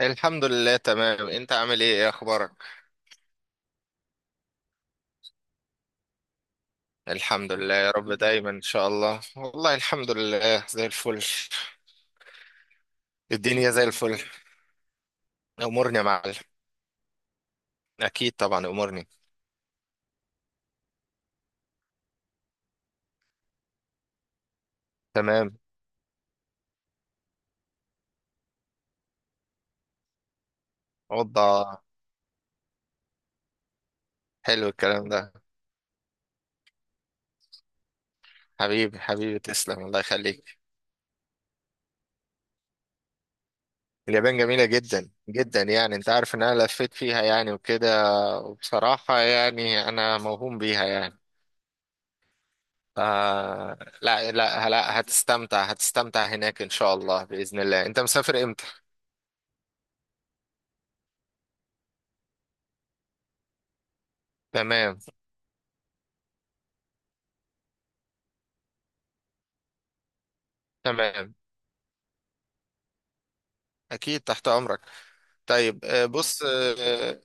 الحمد لله، تمام. انت عامل ايه اخبارك؟ الحمد لله يا رب دايما ان شاء الله. والله الحمد لله زي الفل. الدنيا زي الفل. امورني يا معلم. اكيد طبعا امورني. تمام. اوضه. حلو الكلام ده. حبيبي حبيبي، تسلم، الله يخليك. اليابان جميله جدا جدا، يعني انت عارف ان انا لفيت فيها يعني وكده. وبصراحه يعني انا موهوم بيها يعني. آه، لا لا لا، هتستمتع هتستمتع هناك ان شاء الله باذن الله. انت مسافر امتى؟ تمام. تمام. أكيد تحت أمرك. طيب، بص،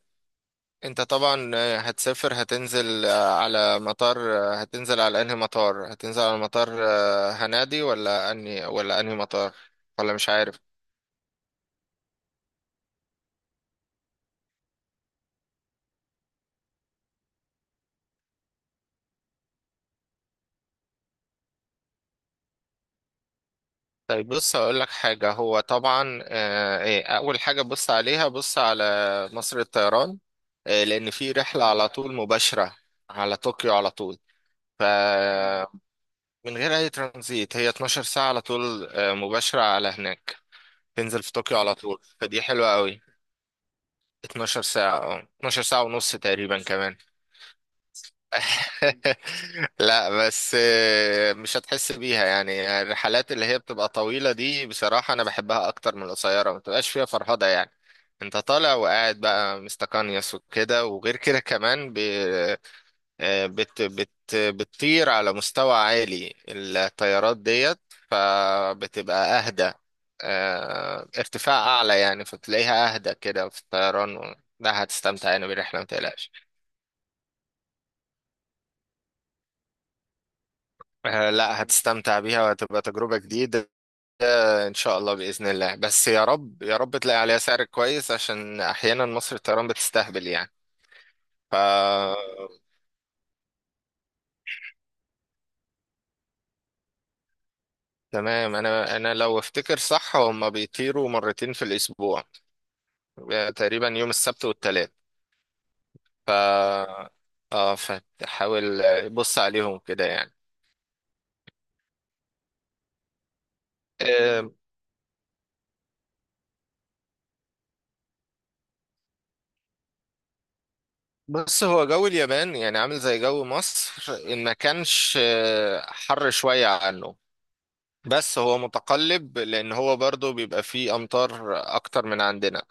أنت طبعا هتسافر، هتنزل على مطار، هتنزل على أنهي مطار، هتنزل على مطار، هنادي ولا أنهي ولا أنهي مطار؟ ولا مش عارف. طيب بص هقول لك حاجة. هو طبعا أول حاجة بص عليها، بص على مصر الطيران. لأن في رحلة على طول مباشرة على طوكيو على طول، فمن غير أي ترانزيت. هي 12 ساعة على طول، مباشرة على هناك. تنزل في طوكيو على طول، فدي حلوة قوي. 12 ساعة، 12 ساعة ونص تقريبا كمان. لا بس، مش هتحس بيها. يعني الرحلات اللي هي بتبقى طويلة دي بصراحة أنا بحبها أكتر من القصيرة، ما بتبقاش فيها فرهدة يعني. أنت طالع وقاعد بقى مستقنيس وكده. وغير كده كمان، بت بت بتطير على مستوى عالي، الطيارات ديت. فبتبقى أهدى، ارتفاع أعلى يعني، فتلاقيها أهدى كده في الطيران، لا هتستمتع يعني بالرحلة، ما تقلقش. لا هتستمتع بيها، وهتبقى تجربة جديدة. إن شاء الله بإذن الله، بس يا رب يا رب تلاقي عليها سعر كويس، عشان أحيانا مصر الطيران بتستهبل يعني. ف تمام، انا لو افتكر صح هما بيطيروا مرتين في الاسبوع، تقريبا يوم السبت والثلاث. ف اه فتحاول بص عليهم كده يعني. آه، بص، هو جو اليابان يعني عامل زي جو مصر، ان ما كانش حر شوية عنه. بس هو متقلب لان هو برضو بيبقى فيه امطار اكتر من عندنا.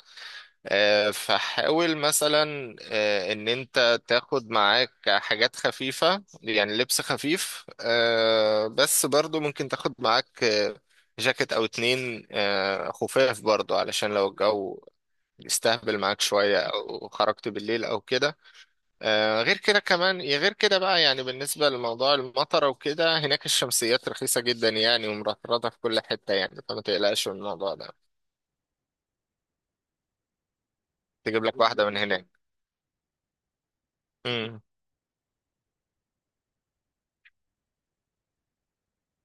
فحاول مثلا ان انت تاخد معاك حاجات خفيفة، يعني لبس خفيف، بس برضو ممكن تاخد معاك جاكيت او اتنين خفاف، برضو علشان لو الجو يستهبل معاك شوية أو خرجت بالليل أو كده. غير كده كمان، يا غير كده بقى يعني، بالنسبة لموضوع المطر وكده، هناك الشمسيات رخيصة جدا يعني، ومرطرطة في كل حتة يعني، فما تقلقش من الموضوع ده. تجيب لك واحدة من هناك.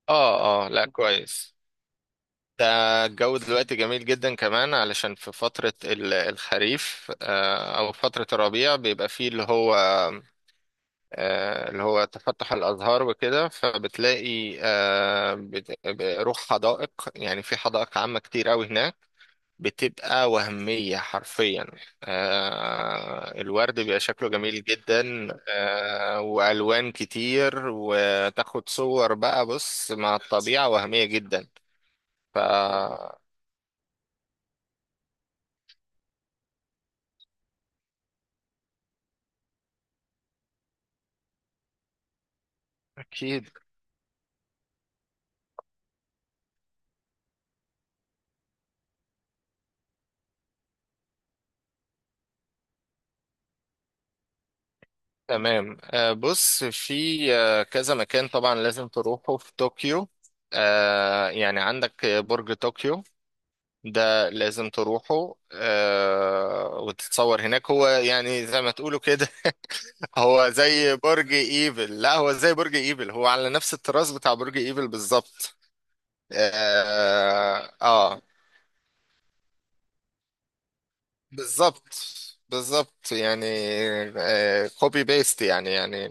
اه، اه، لا كويس. ده الجو دلوقتي جميل جدا كمان، علشان في فترة الخريف، او فترة الربيع، بيبقى فيه اللي هو، تفتح الازهار وكده. فبتلاقي روح حدائق، يعني في حدائق عامة كتير قوي هناك. بتبقى وهمية حرفيا. الورد بيبقى شكله جميل جدا. والوان كتير، وتاخد صور بقى بص مع الطبيعة، وهمية جدا. فأكيد. تمام. بص، في كذا مكان طبعا لازم تروحه في طوكيو. يعني عندك برج طوكيو، ده لازم تروحه، وتتصور هناك. هو يعني زي ما تقولوا كده. هو زي برج ايفل، لا هو زي برج ايفل. هو على نفس الطراز بتاع برج ايفل بالظبط. اه آه، آه، بالظبط. بالظبط يعني. آه، كوبي بيست يعني يعني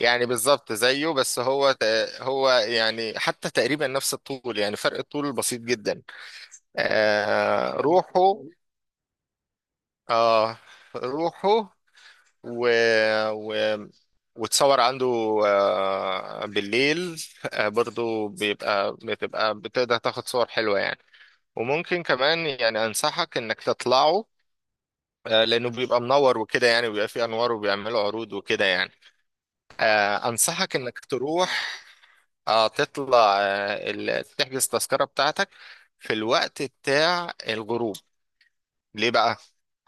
يعني بالظبط زيه. بس هو هو يعني حتى تقريبا نفس الطول، يعني فرق الطول بسيط جدا. روحه آه روحه، و, و وتصور عنده بالليل. برضو بيبقى بتبقى بتقدر تاخد صور حلوة يعني. وممكن كمان يعني أنصحك إنك تطلعه، لأنه بيبقى منور وكده، يعني بيبقى فيه أنوار وبيعملوا عروض وكده يعني. أنصحك إنك تروح. اه، تطلع تحجز التذكرة بتاعتك في الوقت بتاع الغروب. ليه بقى؟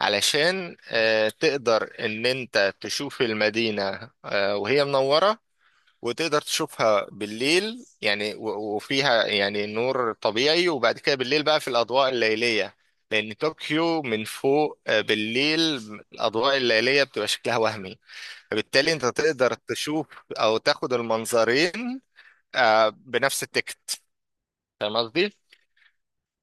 علشان تقدر ان انت تشوف المدينة وهي منورة، وتقدر تشوفها بالليل، يعني وفيها يعني نور طبيعي، وبعد كده بالليل بقى في الأضواء الليلية. لأن طوكيو من فوق بالليل، الأضواء الليلية بتبقى شكلها وهمي. فبالتالي انت تقدر تشوف أو تاخد المنظرين بنفس التكت. فاهم قصدي؟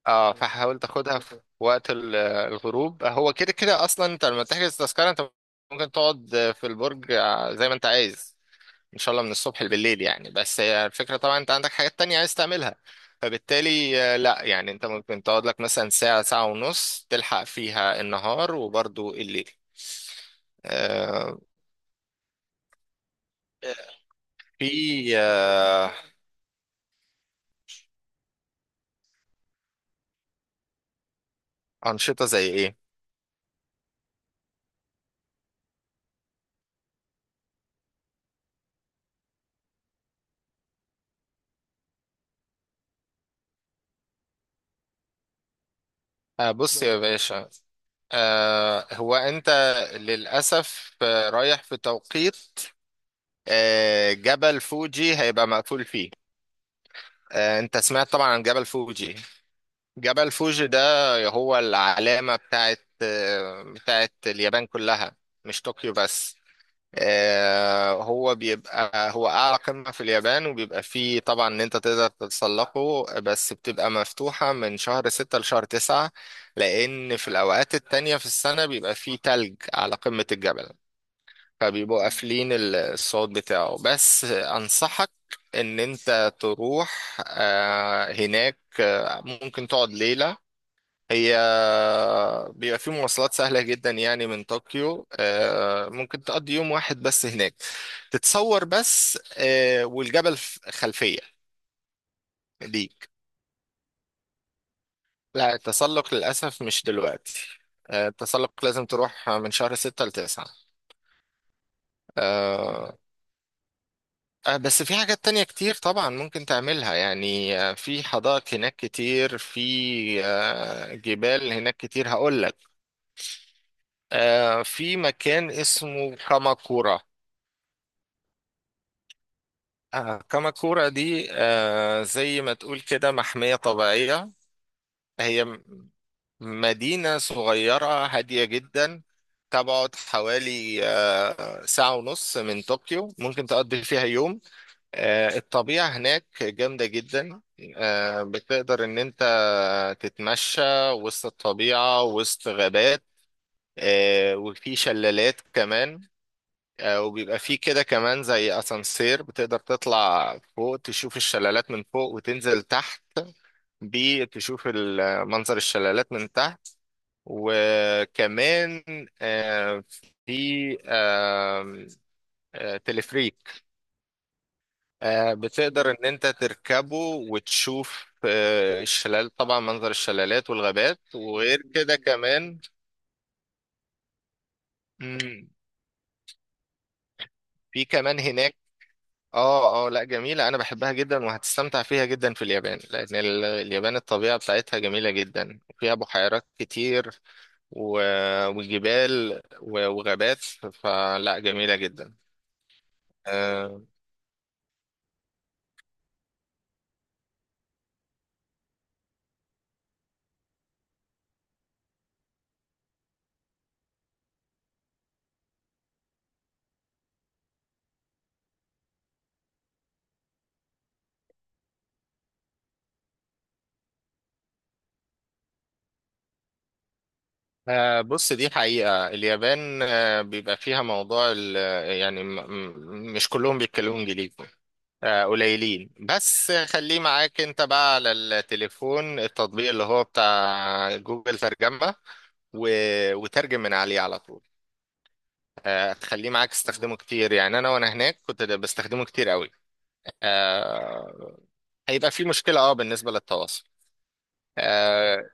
اه، فحاول تاخدها في وقت الغروب. هو كده كده اصلا انت لما تحجز تذكرة، انت ممكن تقعد في البرج زي ما انت عايز، ان شاء الله من الصبح بالليل يعني. بس هي الفكرة طبعا انت عندك حاجات تانية عايز تعملها، فبالتالي لا يعني انت ممكن تقعد لك مثلا ساعة ساعة ونص، تلحق فيها النهار وبرضو الليل. آه، في أنشطة زي ايه؟ بص يا باشا، هو انت للاسف رايح في توقيت جبل فوجي هيبقى مقفول فيه. انت سمعت طبعا عن جبل فوجي. جبل فوجي ده هو العلامة بتاعت اليابان كلها، مش طوكيو بس. هو أعلى قمة في اليابان، وبيبقى فيه طبعا إن أنت تقدر تتسلقه، بس بتبقى مفتوحة من شهر ستة لشهر تسعة. لأن في الأوقات التانية في السنة بيبقى فيه تلج على قمة الجبل، فبيبقوا قافلين الصوت بتاعه. بس أنصحك إن أنت تروح هناك، ممكن تقعد ليلة. هي بيبقى في مواصلات سهلة جدا يعني من طوكيو، ممكن تقضي يوم واحد بس هناك، تتصور بس والجبل خلفية ليك. لا التسلق للأسف مش دلوقتي، التسلق لازم تروح من شهر ستة لتسعة. آه، بس في حاجات تانية كتير طبعا ممكن تعملها يعني. في حدائق هناك كتير، في جبال هناك كتير. هقول لك في مكان اسمه كاماكورا. كاماكورا دي زي ما تقول كده محمية طبيعية. هي مدينة صغيرة هادية جدا، تبعد حوالي ساعة ونص من طوكيو. ممكن تقضي فيها يوم. الطبيعة هناك جامدة جدا. بتقدر إن أنت تتمشى وسط الطبيعة، وسط غابات. وفي شلالات كمان. وبيبقى فيه كده كمان زي اسانسير، بتقدر تطلع فوق تشوف الشلالات من فوق، وتنزل تحت بيه تشوف منظر الشلالات من تحت. وكمان آه، في تلفريك. بتقدر ان انت تركبه، وتشوف الشلال طبعا، منظر الشلالات والغابات وغير كده كمان. مم، في كمان هناك. اه، اه، لا جميلة. انا بحبها جدا، وهتستمتع فيها جدا في اليابان، لان اليابان الطبيعة بتاعتها جميلة جدا، وفيها بحيرات كتير، و... وجبال، وغابات، فلا جميلة جدا. آه بص دي حقيقة اليابان، بيبقى فيها موضوع يعني مش كلهم بيتكلموا انجليزي. قليلين، بس خليه معاك انت بقى على التليفون التطبيق اللي هو بتاع جوجل ترجمة، و... وترجم من عليه على طول. تخليه معاك تستخدمه كتير يعني. انا وانا هناك كنت بستخدمه كتير قوي. آه، هيبقى في مشكلة بالنسبة للتواصل. اه،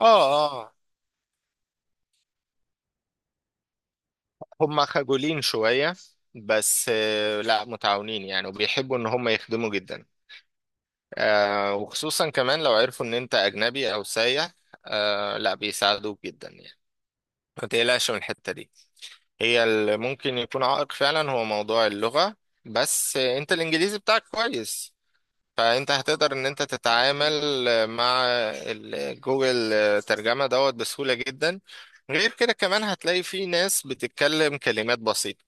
اه، آه، هم خجولين شوية. بس لا متعاونين يعني، وبيحبوا ان هم يخدموا جدا. وخصوصا كمان لو عرفوا ان انت اجنبي او سايح، لا بيساعدوك جدا يعني. ما تقلقش من الحتة دي. هي اللي ممكن يكون عائق فعلا هو موضوع اللغة. بس انت الانجليزي بتاعك كويس، فانت هتقدر ان انت تتعامل مع جوجل ترجمة دوت بسهولة جدا. غير كده كمان هتلاقي في ناس بتتكلم كلمات بسيطة.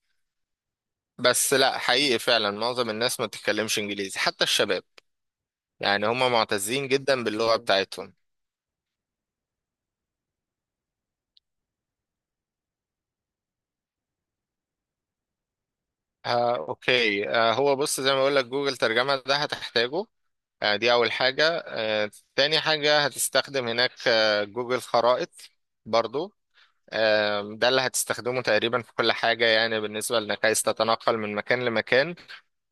بس لا حقيقي فعلا معظم الناس ما بتتكلمش انجليزي حتى الشباب، يعني هم معتزين جدا باللغة بتاعتهم. آه، اوكي. آه، هو بص زي ما بقول لك جوجل ترجمة ده هتحتاجه. آه، دي اول حاجة. آه، تاني حاجة هتستخدم هناك آه جوجل خرائط برضو. آم، ده اللي هتستخدمه تقريبا في كل حاجة، يعني بالنسبة لانك عايز تتنقل من مكان لمكان.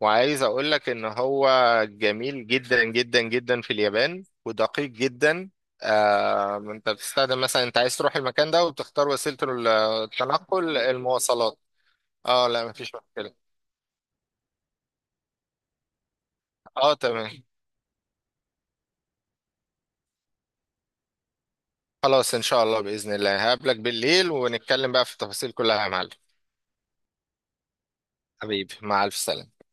وعايز اقولك ان هو جميل جدا جدا جدا في اليابان ودقيق جدا. آم، انت بتستخدم مثلا انت عايز تروح المكان ده وبتختار وسيلة التنقل المواصلات. اه، لا مفيش مشكلة. اه تمام، خلاص ان شاء الله بإذن الله هقابلك بالليل، ونتكلم بقى في التفاصيل كلها يا معلم. حبيبي مع الف سلامة.